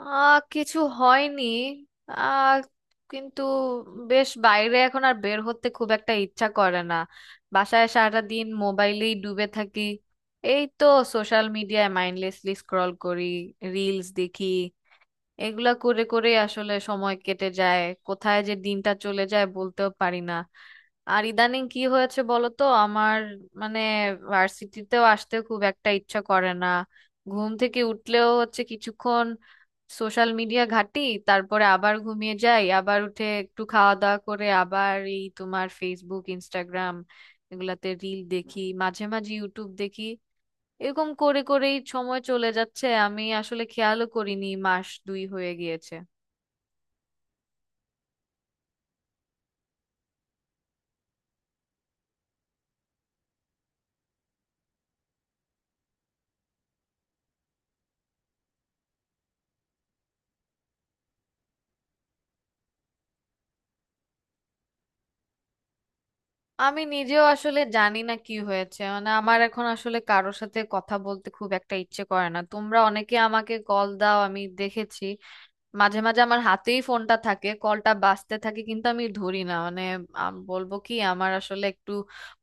কিছু হয়নি। আহ কিন্তু বেশ, বাইরে এখন আর বের হতে খুব একটা ইচ্ছা করে না। বাসায় সারাটা দিন মোবাইলেই ডুবে থাকি, এই তো, সোশ্যাল মিডিয়ায় মাইন্ডলেসলি স্ক্রল করি, রিলস দেখি, এগুলা করে করে আসলে সময় কেটে যায়, কোথায় যে দিনটা চলে যায় বলতেও পারি না। আর ইদানিং কি হয়েছে বলো তো আমার, মানে, ভার্সিটিতেও আসতে খুব একটা ইচ্ছা করে না, ঘুম থেকে উঠলেও হচ্ছে কিছুক্ষণ সোশ্যাল মিডিয়া ঘাঁটি, তারপরে আবার ঘুমিয়ে যাই, আবার উঠে একটু খাওয়া দাওয়া করে আবার এই তোমার ফেসবুক ইনস্টাগ্রাম, এগুলাতে রিল দেখি, মাঝে মাঝে ইউটিউব দেখি। এরকম করে করেই সময় চলে যাচ্ছে, আমি আসলে খেয়ালও করিনি মাস 2 হয়ে গিয়েছে। আমি নিজেও আসলে জানি না কি হয়েছে, মানে আমার এখন আসলে কারোর সাথে কথা বলতে খুব একটা ইচ্ছে করে না। তোমরা অনেকে আমাকে কল দাও, আমি দেখেছি। মাঝে মাঝে আমার হাতেই ফোনটা থাকে, কলটা বাজতে থাকে কিন্তু আমি ধরি না, মানে বলবো কি, আমার আসলে একটু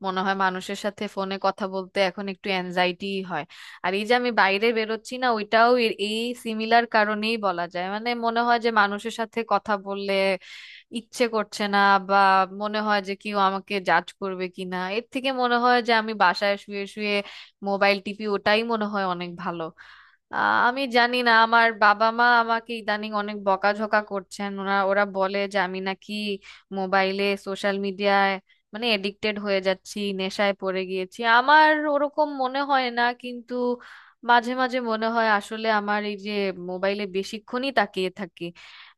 মনে হয় মানুষের সাথে ফোনে কথা বলতে এখন একটু অ্যাংজাইটি হয়। আর এই যে আমি বাইরে বেরোচ্ছি না, ওইটাও এই সিমিলার কারণেই বলা যায়। মানে মনে হয় যে মানুষের সাথে কথা বললে ইচ্ছে করছে না, বা মনে হয় যে কেউ আমাকে জাজ করবে কিনা, এর থেকে মনে হয় যে আমি বাসায় শুয়ে শুয়ে মোবাইল টিপি ওটাই মনে হয় অনেক ভালো। আমি জানি না, আমার বাবা মা আমাকে ইদানিং অনেক বকাঝকা করছেন, ওরা ওরা বলে যে আমি নাকি মোবাইলে সোশ্যাল মিডিয়ায়, মানে এডিক্টেড হয়ে যাচ্ছি, নেশায় পড়ে গিয়েছি। আমার ওরকম মনে হয় না, কিন্তু মাঝে মাঝে মনে হয় আসলে আমার এই যে মোবাইলে বেশিক্ষণই তাকিয়ে থাকি,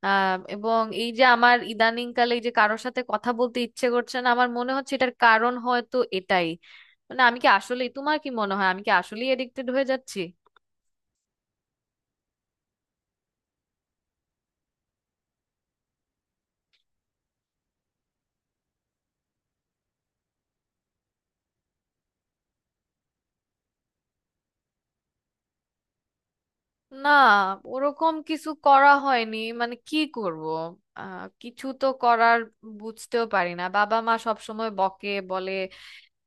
এবং এই যে আমার ইদানিংকালে এই যে কারোর সাথে কথা বলতে ইচ্ছে করছে না, আমার মনে হচ্ছে এটার কারণ হয়তো এটাই। মানে আমি কি আসলে, তোমার কি মনে হয়, আমি কি আসলেই এডিক্টেড হয়ে যাচ্ছি? না, ওরকম কিছু করা হয়নি, মানে কি করব। কিছু তো করার বুঝতেও পারি না। বাবা মা সব সময় বকে, বলে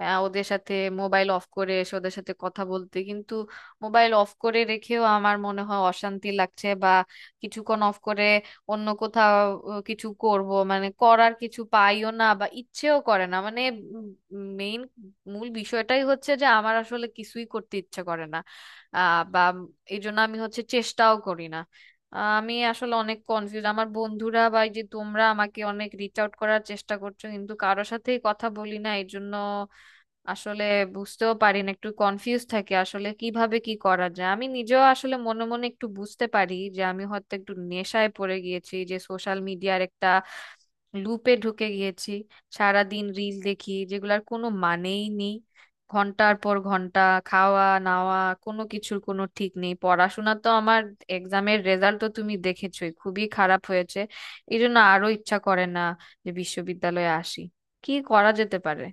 ওদের সাথে মোবাইল অফ করে এসে ওদের সাথে কথা বলতে, কিন্তু মোবাইল অফ করে রেখেও আমার মনে হয় অশান্তি লাগছে, বা কিছুক্ষণ অফ করে অন্য কোথাও কিছু করব মানে করার কিছু পাইও না, বা ইচ্ছেও করে না। মানে মেইন মূল বিষয়টাই হচ্ছে যে আমার আসলে কিছুই করতে ইচ্ছে করে না, বা এই জন্য আমি হচ্ছে চেষ্টাও করি না। আমি আসলে অনেক কনফিউজ, আমার বন্ধুরা বা এই যে তোমরা আমাকে অনেক রিচ আউট করার চেষ্টা করছো, কিন্তু কারোর সাথেই কথা বলি না এই জন্য আসলে বুঝতেও পারি না, একটু কনফিউজ থাকি আসলে কিভাবে কি করা যায়। আমি নিজেও আসলে মনে মনে একটু বুঝতে পারি যে আমি হয়তো একটু নেশায় পড়ে গিয়েছি, যে সোশ্যাল মিডিয়ার একটা লুপে ঢুকে গিয়েছি, সারা দিন রিল দেখি যেগুলার কোনো মানেই নেই, ঘন্টার পর ঘন্টা। খাওয়া নাওয়া কোনো কিছুর কোনো ঠিক নেই, পড়াশোনা তো আমার, এক্সামের রেজাল্ট তো তুমি দেখেছোই, খুবই খারাপ হয়েছে। এই জন্য আরো ইচ্ছা করে না যে বিশ্ববিদ্যালয়ে আসি। কি করা যেতে পারে?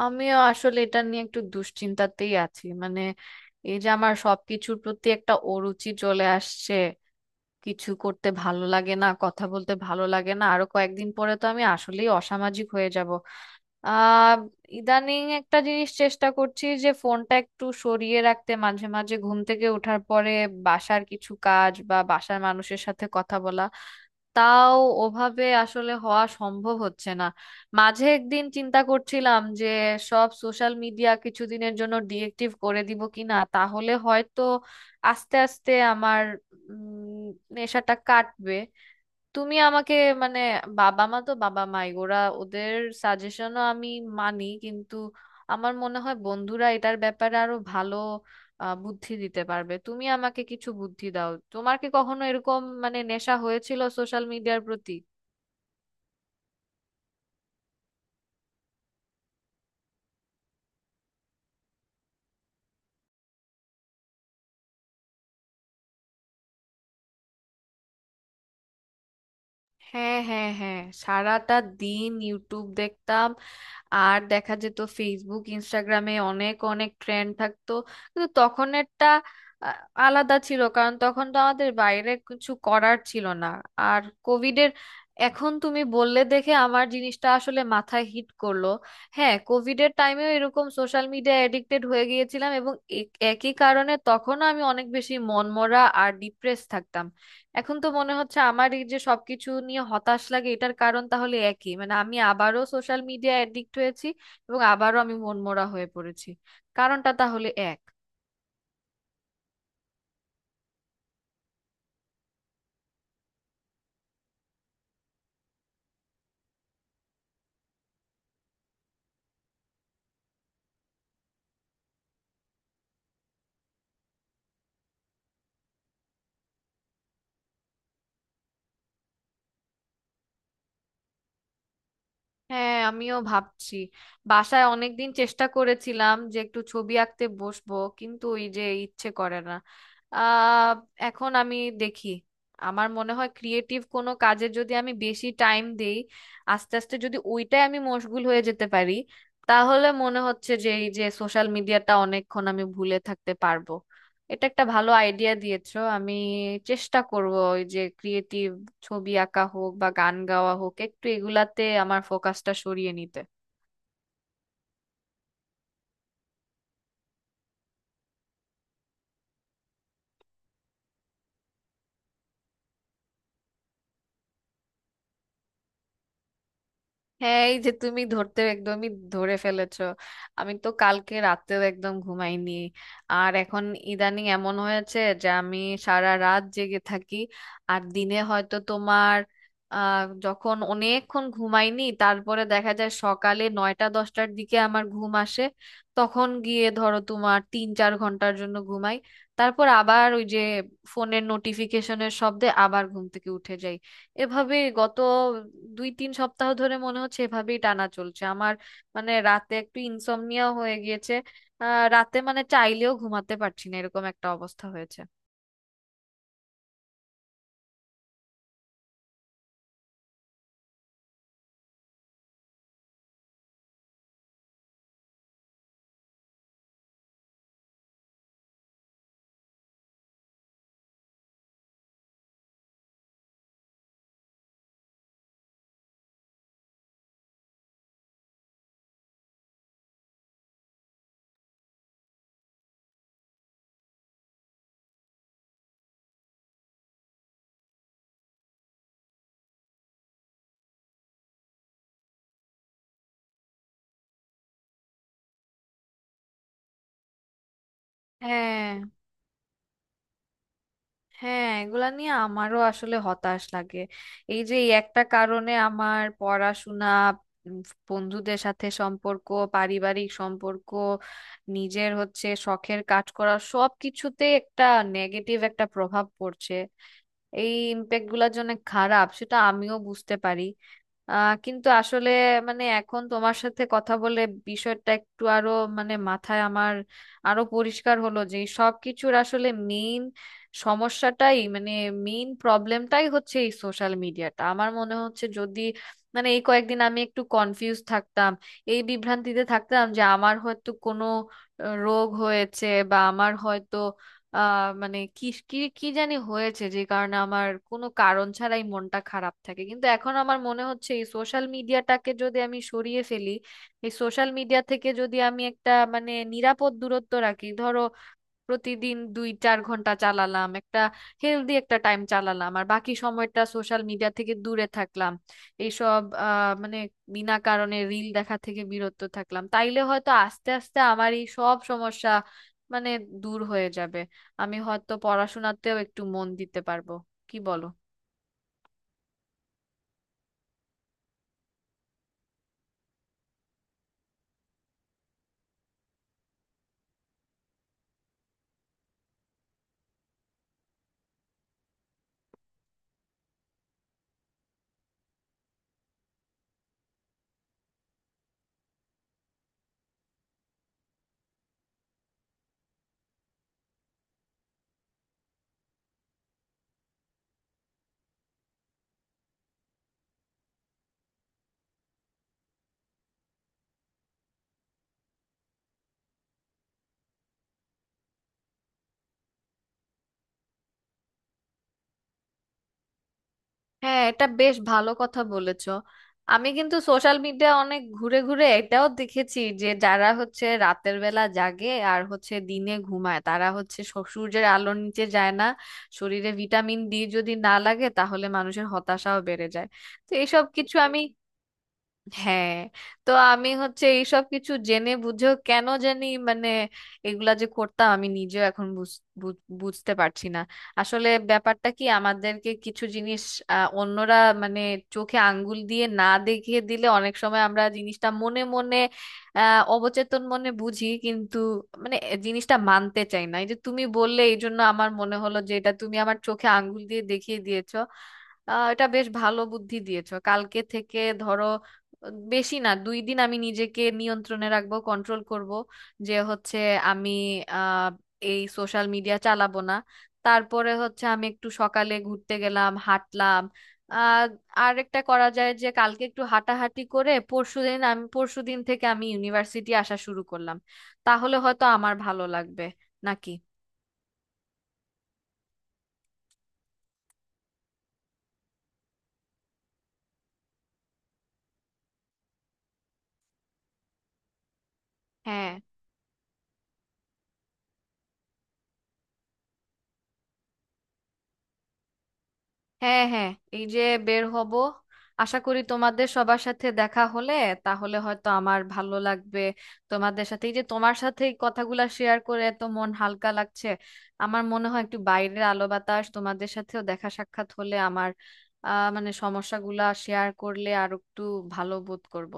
আমিও আসলে এটা নিয়ে একটু দুশ্চিন্তাতেই আছি, মানে এই যে আমার সবকিছুর প্রতি একটা অরুচি চলে আসছে, কিছু করতে ভালো লাগে না, কথা বলতে ভালো লাগে না, আরো কয়েকদিন পরে তো আমি আসলেই অসামাজিক হয়ে যাব। আহ ইদানিং একটা জিনিস চেষ্টা করছি যে ফোনটা একটু সরিয়ে রাখতে, মাঝে মাঝে ঘুম থেকে ওঠার পরে বাসার কিছু কাজ বা বাসার মানুষের সাথে কথা বলা, তাও ওভাবে আসলে হওয়া সম্ভব হচ্ছে না। মাঝে একদিন চিন্তা করছিলাম যে সব সোশ্যাল মিডিয়া কিছুদিনের জন্য ডিএক্টিভ করে দিব কিনা, তাহলে হয়তো আস্তে আস্তে আমার উম, নেশাটা কাটবে। তুমি আমাকে, মানে বাবা মা তো বাবা মাই, ওরা ওদের সাজেশনও আমি মানি, কিন্তু আমার মনে হয় বন্ধুরা এটার ব্যাপারে আরো ভালো বুদ্ধি দিতে পারবে। তুমি আমাকে কিছু বুদ্ধি দাও, তোমার কি কখনো এরকম মানে নেশা হয়েছিল সোশ্যাল মিডিয়ার প্রতি? হ্যাঁ, হ্যাঁ, হ্যাঁ, সারাটা দিন ইউটিউব দেখতাম, আর দেখা যেত ফেসবুক ইনস্টাগ্রামে অনেক অনেক ট্রেন্ড থাকতো, কিন্তু তখনেরটা আহ, আলাদা ছিল কারণ তখন তো আমাদের বাইরে কিছু করার ছিল না, আর কোভিডের, এখন তুমি বললে দেখে আমার জিনিসটা আসলে মাথায় হিট করলো। হ্যাঁ, কোভিডের টাইমেও এরকম সোশ্যাল মিডিয়া এডিক্টেড হয়ে গিয়েছিলাম এবং এ- একই কারণে তখনও আমি অনেক বেশি মনমরা আর ডিপ্রেস থাকতাম। এখন তো মনে হচ্ছে আমার এই যে সবকিছু নিয়ে হতাশ লাগে, এটার কারণ তাহলে একই, মানে আমি আবারও সোশ্যাল মিডিয়া অ্যাডিক্ট হয়েছি এবং আবারও আমি মনমরা হয়ে পড়েছি। কারণটা তাহলে এক। হ্যাঁ, আমিও ভাবছি, বাসায় অনেকদিন চেষ্টা করেছিলাম যে একটু ছবি আঁকতে বসবো, কিন্তু ওই যে ইচ্ছে করে না। আহ এখন আমি দেখি, আমার মনে হয় ক্রিয়েটিভ কোনো কাজে যদি আমি বেশি টাইম দেই, আস্তে আস্তে যদি ওইটাই আমি মশগুল হয়ে যেতে পারি, তাহলে মনে হচ্ছে যে এই যে সোশ্যাল মিডিয়াটা অনেকক্ষণ আমি ভুলে থাকতে পারবো। এটা একটা ভালো আইডিয়া দিয়েছো, আমি চেষ্টা করব ওই যে ক্রিয়েটিভ, ছবি আঁকা হোক বা গান গাওয়া হোক, একটু এগুলাতে আমার ফোকাসটা সরিয়ে নিতে। হ্যাঁ, এই যে তুমি ধরতে, একদমই ধরে ফেলেছো। আমি তো কালকে রাতে একদম ঘুমাইনি। আর এখন ইদানিং এমন হয়েছে যে আমি সারা রাত জেগে থাকি, আর দিনে হয়তো তোমার যখন অনেকক্ষণ ঘুমাইনি তারপরে দেখা যায় সকালে 9টা-10টার দিকে আমার ঘুম আসে, তখন গিয়ে ধরো তোমার 3-4 ঘন্টার জন্য ঘুমাই। তারপর আবার ওই যে ফোনের নোটিফিকেশনের শব্দে আবার ঘুম থেকে উঠে যাই। এভাবে গত 2-3 সপ্তাহ ধরে মনে হচ্ছে এভাবেই টানা চলছে আমার, মানে রাতে একটু ইনসমনিয়া হয়ে গিয়েছে। রাতে মানে চাইলেও ঘুমাতে পারছি না, এরকম একটা অবস্থা হয়েছে। হ্যাঁ, হ্যাঁ, এগুলা নিয়ে আমারও আসলে হতাশ লাগে। এই যে এই একটা কারণে আমার পড়াশোনা, উম, বন্ধুদের সাথে সম্পর্ক, পারিবারিক সম্পর্ক, নিজের হচ্ছে শখের কাজ করা, সব কিছুতে একটা নেগেটিভ একটা প্রভাব পড়ছে। এই ইম্প্যাক্ট গুলার জন্য খারাপ সেটা আমিও বুঝতে পারি। কিন্তু আসলে, মানে এখন তোমার সাথে কথা বলে বিষয়টা একটু আরো, মানে মাথায় আমার আরো পরিষ্কার হলো যে এই সবকিছুর আসলে মেইন সমস্যাটাই মানে মেইন প্রবলেমটাই হচ্ছে এই সোশ্যাল মিডিয়াটা। আমার মনে হচ্ছে যদি, মানে এই কয়েকদিন আমি একটু কনফিউজ থাকতাম, এই বিভ্রান্তিতে থাকতাম যে আমার হয়তো কোনো রোগ হয়েছে, বা আমার হয়তো মানে কি কি কি জানি হয়েছে, যে কারণে আমার কোনো কারণ ছাড়াই মনটা খারাপ থাকে। কিন্তু এখন আমার মনে হচ্ছে এই সোশ্যাল মিডিয়াটাকে যদি আমি সরিয়ে ফেলি, এই সোশ্যাল মিডিয়া থেকে যদি আমি একটা মানে নিরাপদ দূরত্ব রাখি, ধরো প্রতিদিন 2-4 ঘন্টা চালালাম, একটা হেলদি একটা টাইম চালালাম, আর বাকি সময়টা সোশ্যাল মিডিয়া থেকে দূরে থাকলাম, এইসব মানে বিনা কারণে রিল দেখা থেকে বিরত থাকলাম, তাইলে হয়তো আস্তে আস্তে আমার এই সব সমস্যা, মানে দূর হয়ে যাবে, আমি হয়তো পড়াশোনাতেও একটু মন দিতে পারবো। কি বলো? হ্যাঁ, এটা বেশ ভালো কথা বলেছো। আমি কিন্তু সোশ্যাল মিডিয়া অনেক ঘুরে ঘুরে এটাও দেখেছি যে যারা হচ্ছে রাতের বেলা জাগে আর হচ্ছে দিনে ঘুমায়, তারা হচ্ছে সূর্যের আলোর নিচে যায় না, শরীরে ভিটামিন ডি যদি না লাগে তাহলে মানুষের হতাশাও বেড়ে যায়। তো এসব কিছু আমি, হ্যাঁ, তো আমি হচ্ছে এইসব কিছু জেনে বুঝেও কেন জানি মানে এগুলা যে করতাম আমি নিজেও এখন বুঝতে পারছি না। আসলে ব্যাপারটা কি, আমাদেরকে কিছু জিনিস অন্যরা, মানে চোখে আঙ্গুল দিয়ে না দেখিয়ে দিলে অনেক সময় আমরা জিনিসটা মনে মনে অবচেতন মনে বুঝি কিন্তু মানে এ জিনিসটা মানতে চাই না। এই যে তুমি বললে এই জন্য আমার মনে হলো যে এটা তুমি আমার চোখে আঙ্গুল দিয়ে দেখিয়ে দিয়েছো। এটা বেশ ভালো বুদ্ধি দিয়েছো। কালকে থেকে ধরো বেশি না, 2 দিন আমি নিজেকে নিয়ন্ত্রণে রাখবো, কন্ট্রোল করব, যে হচ্ছে আমি আহ এই সোশ্যাল মিডিয়া চালাবো না। তারপরে হচ্ছে আমি একটু সকালে ঘুরতে গেলাম, হাঁটলাম। আহ আর একটা করা যায় যে কালকে একটু হাঁটাহাঁটি করে পরশুদিন আমি, পরশুদিন থেকে আমি ইউনিভার্সিটি আসা শুরু করলাম, তাহলে হয়তো আমার ভালো লাগবে নাকি। হ্যাঁ, হ্যাঁ, হ্যাঁ, এই যে বের হব, আশা করি তোমাদের সবার সাথে দেখা হলে তাহলে হয়তো আমার ভালো লাগবে। তোমাদের সাথে, এই যে তোমার সাথে এই কথাগুলা শেয়ার করে এত মন হালকা লাগছে, আমার মনে হয় একটু বাইরের আলো বাতাস, তোমাদের সাথেও দেখা সাক্ষাৎ হলে আমার মানে সমস্যাগুলা শেয়ার করলে আর একটু ভালো বোধ করব।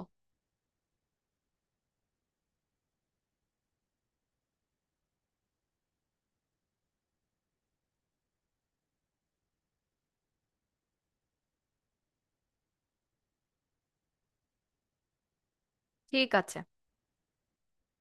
ঠিক আছে।